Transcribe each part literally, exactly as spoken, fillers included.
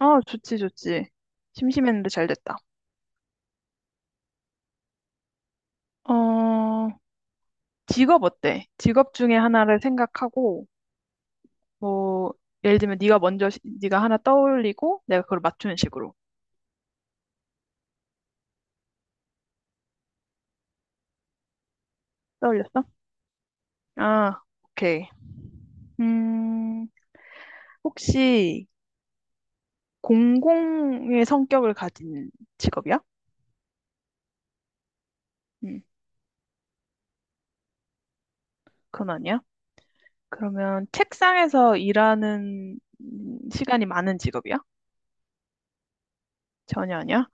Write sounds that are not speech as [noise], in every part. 아, 좋지, 좋지. 심심했는데 잘 됐다. 어, 직업 어때? 직업 중에 하나를 생각하고, 뭐, 예를 들면 네가 먼저, 시- 네가 하나 떠올리고, 내가 그걸 맞추는 식으로. 떠올렸어? 아, 오케이. 음, 혹시 공공의 성격을 가진 직업이야? 음, 그건 아니야. 그러면 책상에서 일하는 시간이 많은 직업이야? 전혀 아니야.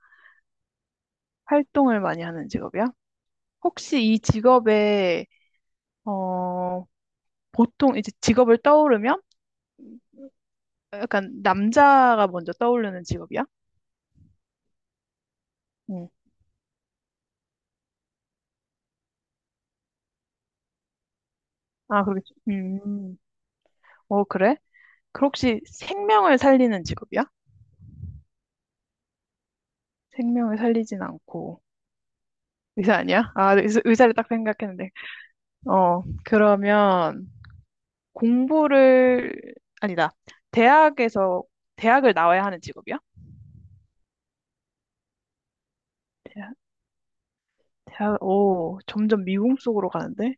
활동을 많이 하는 직업이야? 혹시 이 직업에 어, 보통 이제 직업을 떠오르면 약간 남자가 먼저 떠오르는 직업이야? 응. 아, 그러겠지. 음. 어, 그래? 그 혹시 생명을 살리는 직업이야? 생명을 살리진 않고. 의사 아니야? 아, 네, 의사, 의사를 딱 생각했는데. 어, 그러면 공부를, 아니다. 대학에서, 대학을 나와야 하는 직업이야? 대학, 대학, 오, 점점 미궁 속으로 가는데?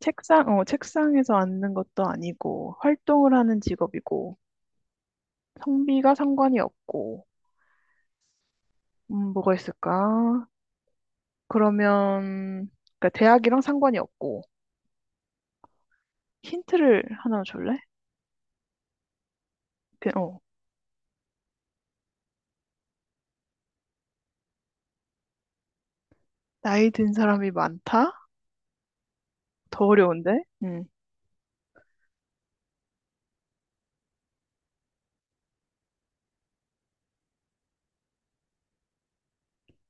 책상, 어, 책상에서 앉는 것도 아니고, 활동을 하는 직업이고. 성비가 상관이 없고, 음, 뭐가 있을까? 그러면, 그러니까 대학이랑 상관이 없고, 힌트를 하나 줄래? 그, 어, 나이 든 사람이 많다? 더 어려운데? 음,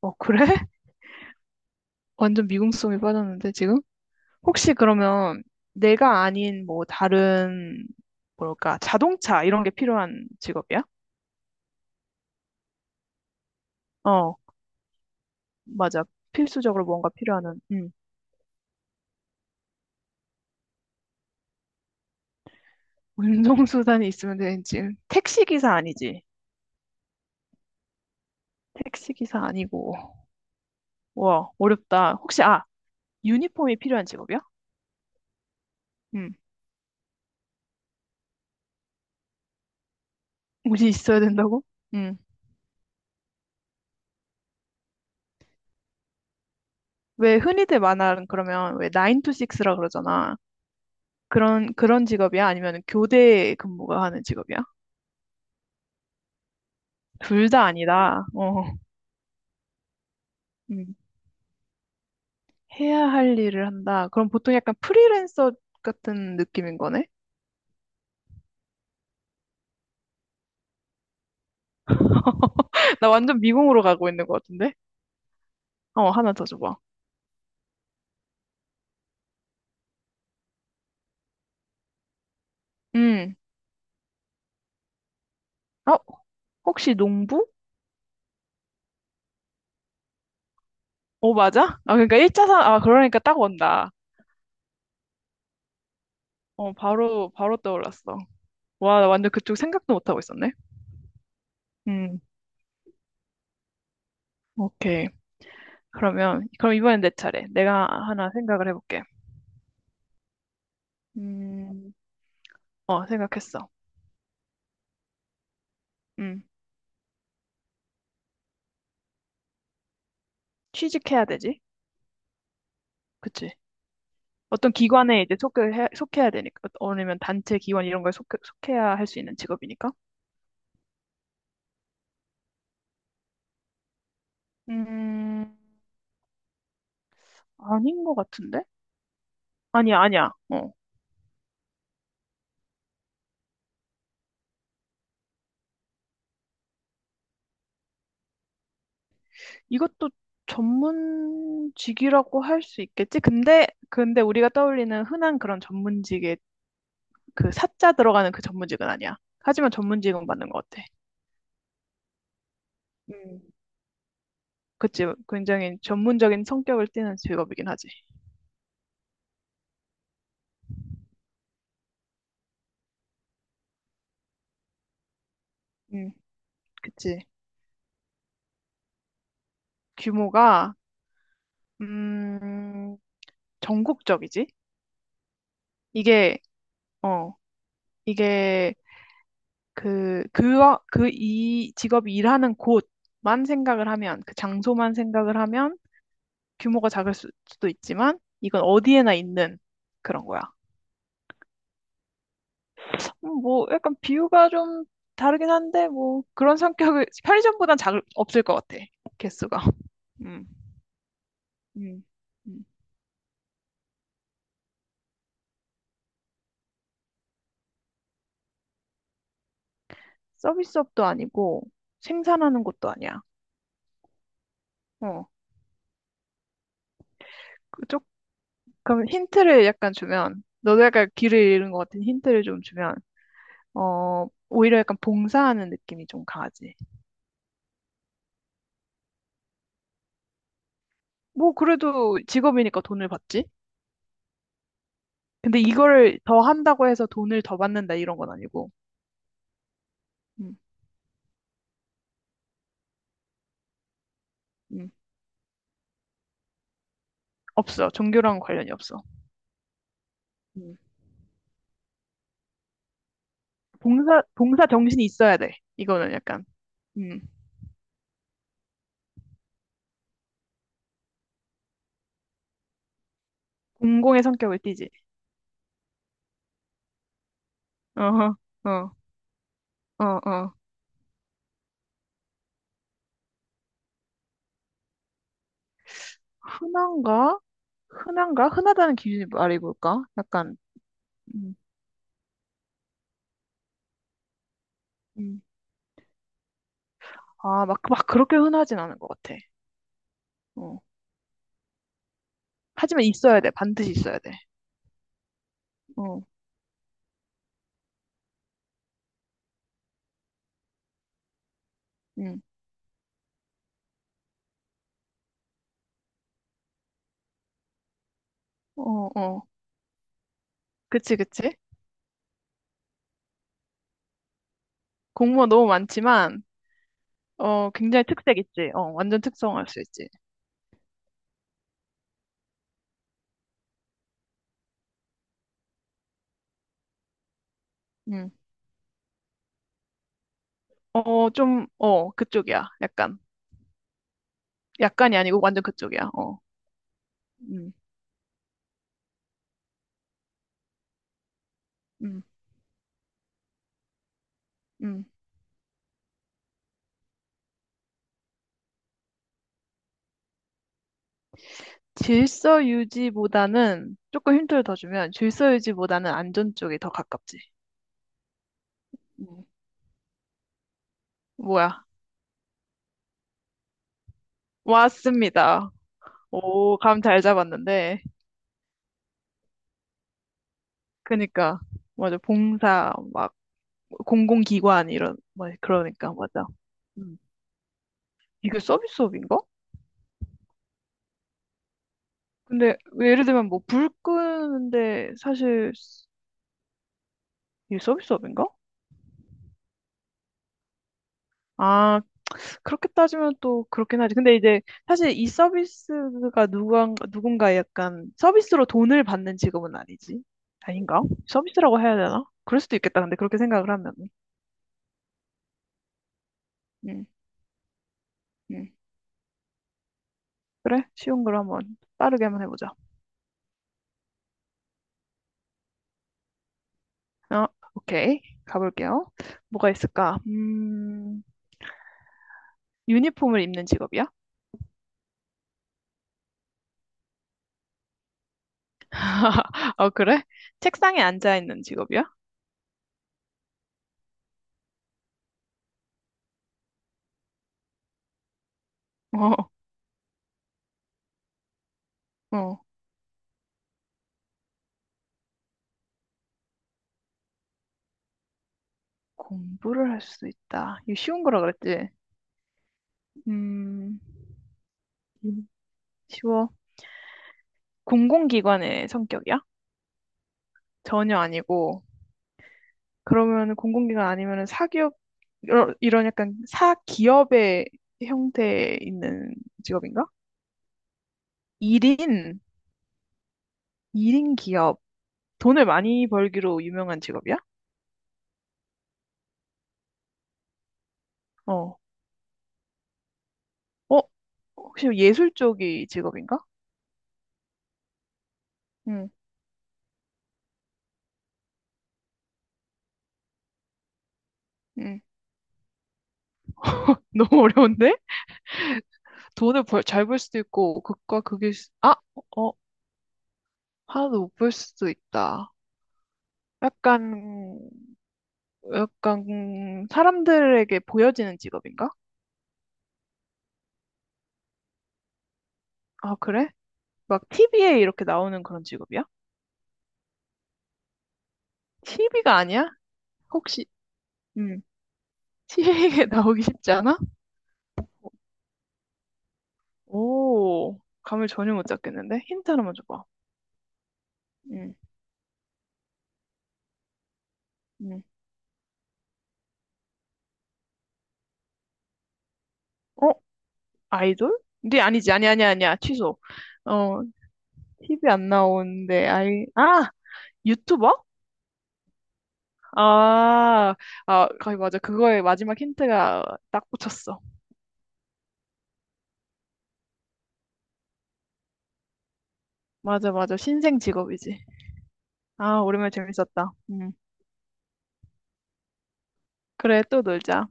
어, 그래? [laughs] 완전 미궁성이 빠졌는데, 지금? 혹시 그러면 내가 아닌 뭐 다른, 뭐랄까, 자동차 이런 게 필요한 직업이야? 어, 맞아. 필수적으로 뭔가 필요하는, 음, [laughs] 운송수단이 있으면 되는 지 택시기사 아니지? 택시기사 아니고. 와, 어렵다. 혹시, 아, 유니폼이 필요한 직업이야? 음. 옷이 있어야 된다고? 음. 왜 흔히들 만화는 그러면 왜 나인 to 식스라 그러잖아. 그런, 그런 직업이야? 아니면 교대 근무가 하는 직업이야? 둘 다 아니다. 어. 음. 해야 할 일을 한다. 그럼 보통 약간 프리랜서 같은 느낌인 거네? [laughs] 나 완전 미궁으로 가고 있는 것 같은데? 어, 하나 더 줘봐. 음. 어, 혹시 농부? 어, 맞아? 아, 그러니까 일자산, 아, 그러니까 딱 온다. 어, 바로, 바로 떠올랐어. 와, 나 완전 그쪽 생각도 못하고 있었네. 음, 오케이. 그러면, 그럼 이번엔 내 차례. 내가 하나 생각을 해볼게. 음, 어, 생각했어. 음, 취직해야 되지? 그치? 어떤 기관에 이제 속해, 속해야 되니까. 아니면 단체 기관 이런 거에 속, 속해야 할 수 있는 직업이니까. 음, 아닌 것 같은데? 아니야, 아니야. 어, 이것도 전문직이라고 할 수 있겠지? 근데, 근데 우리가 떠올리는 흔한 그런 전문직의 그 사자 들어가는 그 전문직은 아니야. 하지만 전문직은 맞는 것 같아. 음, 그치. 굉장히 전문적인 성격을 띠는 직업이긴 하지. 음, 그치. 규모가, 음, 전국적이지? 이게, 어, 이게 그, 그, 그 이 직업이 일하는 곳만 생각을 하면, 그 장소만 생각을 하면 규모가 작을 수- 수도 있지만, 이건 어디에나 있는 그런 거야. 음, 뭐 약간 비유가 좀 다르긴 한데 뭐 그런 성격을 [laughs] 편의점보단 작 없을 것 같아 개수가. [laughs] 음, 음, 음. 서비스업도 아니고 생산하는 것도 아니야. 어, 그쪽 그럼 힌트를 약간 주면 너도 약간 길을 잃은 것 같은 힌트를 좀 주면 어 오히려 약간 봉사하는 느낌이 좀 강하지. 뭐 그래도 직업이니까 돈을 받지. 근데 이거를 더 한다고 해서 돈을 더 받는다 이런 건 아니고. 음, 음. 없어. 종교랑 관련이 없어. 음. 봉사, 봉사 정신이 있어야 돼. 이거는 약간, 음, 공공의 성격을 띠지. 어허, 어, 어, 어. 흔한가? 흔한가? 흔하다는 기준이 말이 뭘까? 약간, 음, 음. 아, 막, 막 그렇게 흔하진 않은 것 같아. 어. 하지만 있어야 돼. 반드시 있어야 돼. 어, 음, 어, 어. 그치, 그치. 공무원 너무 많지만, 어, 굉장히 특색 있지. 어, 완전 특성화할 수 있지. 음. 어, 좀, 어, 그쪽이야. 약간. 약간이 아니고 완전 그쪽이야. 어. 음, 음, 음. 질서 유지보다는 조금 힌트를 더 주면 질서 유지보다는 안전 쪽이 더 가깝지. 음. 뭐야? 왔습니다. 오, 감 잘 잡았는데. 그니까 맞아. 봉사 막 공공기관 이런 뭐 그러니까 맞아. 음. 이게 서비스업인가? 근데 예를 들면 뭐 불 끄는데 사실 이게 서비스업인가? 아, 그렇게 따지면 또 그렇긴 하지. 근데 이제 사실 이 서비스가 누군, 누군가 약간 서비스로 돈을 받는 직업은 아니지. 아닌가? 서비스라고 해야 되나? 그럴 수도 있겠다. 근데 그렇게 생각을 하면. 음, 음. 그래? 쉬운 걸 한번 빠르게 한번 해보자. 어, 오케이. 가볼게요. 뭐가 있을까? 음, 유니폼을 입는 직업이야? [laughs] 어, 그래? 책상에 앉아 있는 직업이야? 어, 어. 공부를 할 수 있다. 이거 쉬운 거라 그랬지? 음, 음, 쉬워. 공공기관의 성격이야? 전혀 아니고 그러면 공공기관 아니면 사기업 이런 이런 약간 사기업의 형태에 있는 직업인가? 일 인 일 인 기업 돈을 많이 벌기로 유명한 직업이야? 어. 어? 혹시 예술 쪽이 직업인가? 응. 응. [laughs] 너무 어려운데? 돈을 벌, 잘 벌 수도 있고 극과 극일 수... 아, 어, 어, 하나도 못 벌 수도 있다. 약간 약간 사람들에게 보여지는 직업인가? 아, 그래? 막 티비에 이렇게 나오는 그런 직업이야? 티비가 아니야? 혹시, 음, 티비에 [laughs] 나오기 쉽지 않아? 오, 감을 전혀 못 잡겠는데? 힌트 하나만 줘봐. 음, 음. 어? 아이돌? 근데 아니지, 아니, 아니, 아니야. 취소. 어, 티비 안 나오는데, 아이, 아! 유튜버? 아, 아, 거의 맞아. 그거의 마지막 힌트가 딱 붙였어. 맞아, 맞아. 신생 직업이지. 아, 오랜만에 재밌었다. 음. 그래, 또 놀자.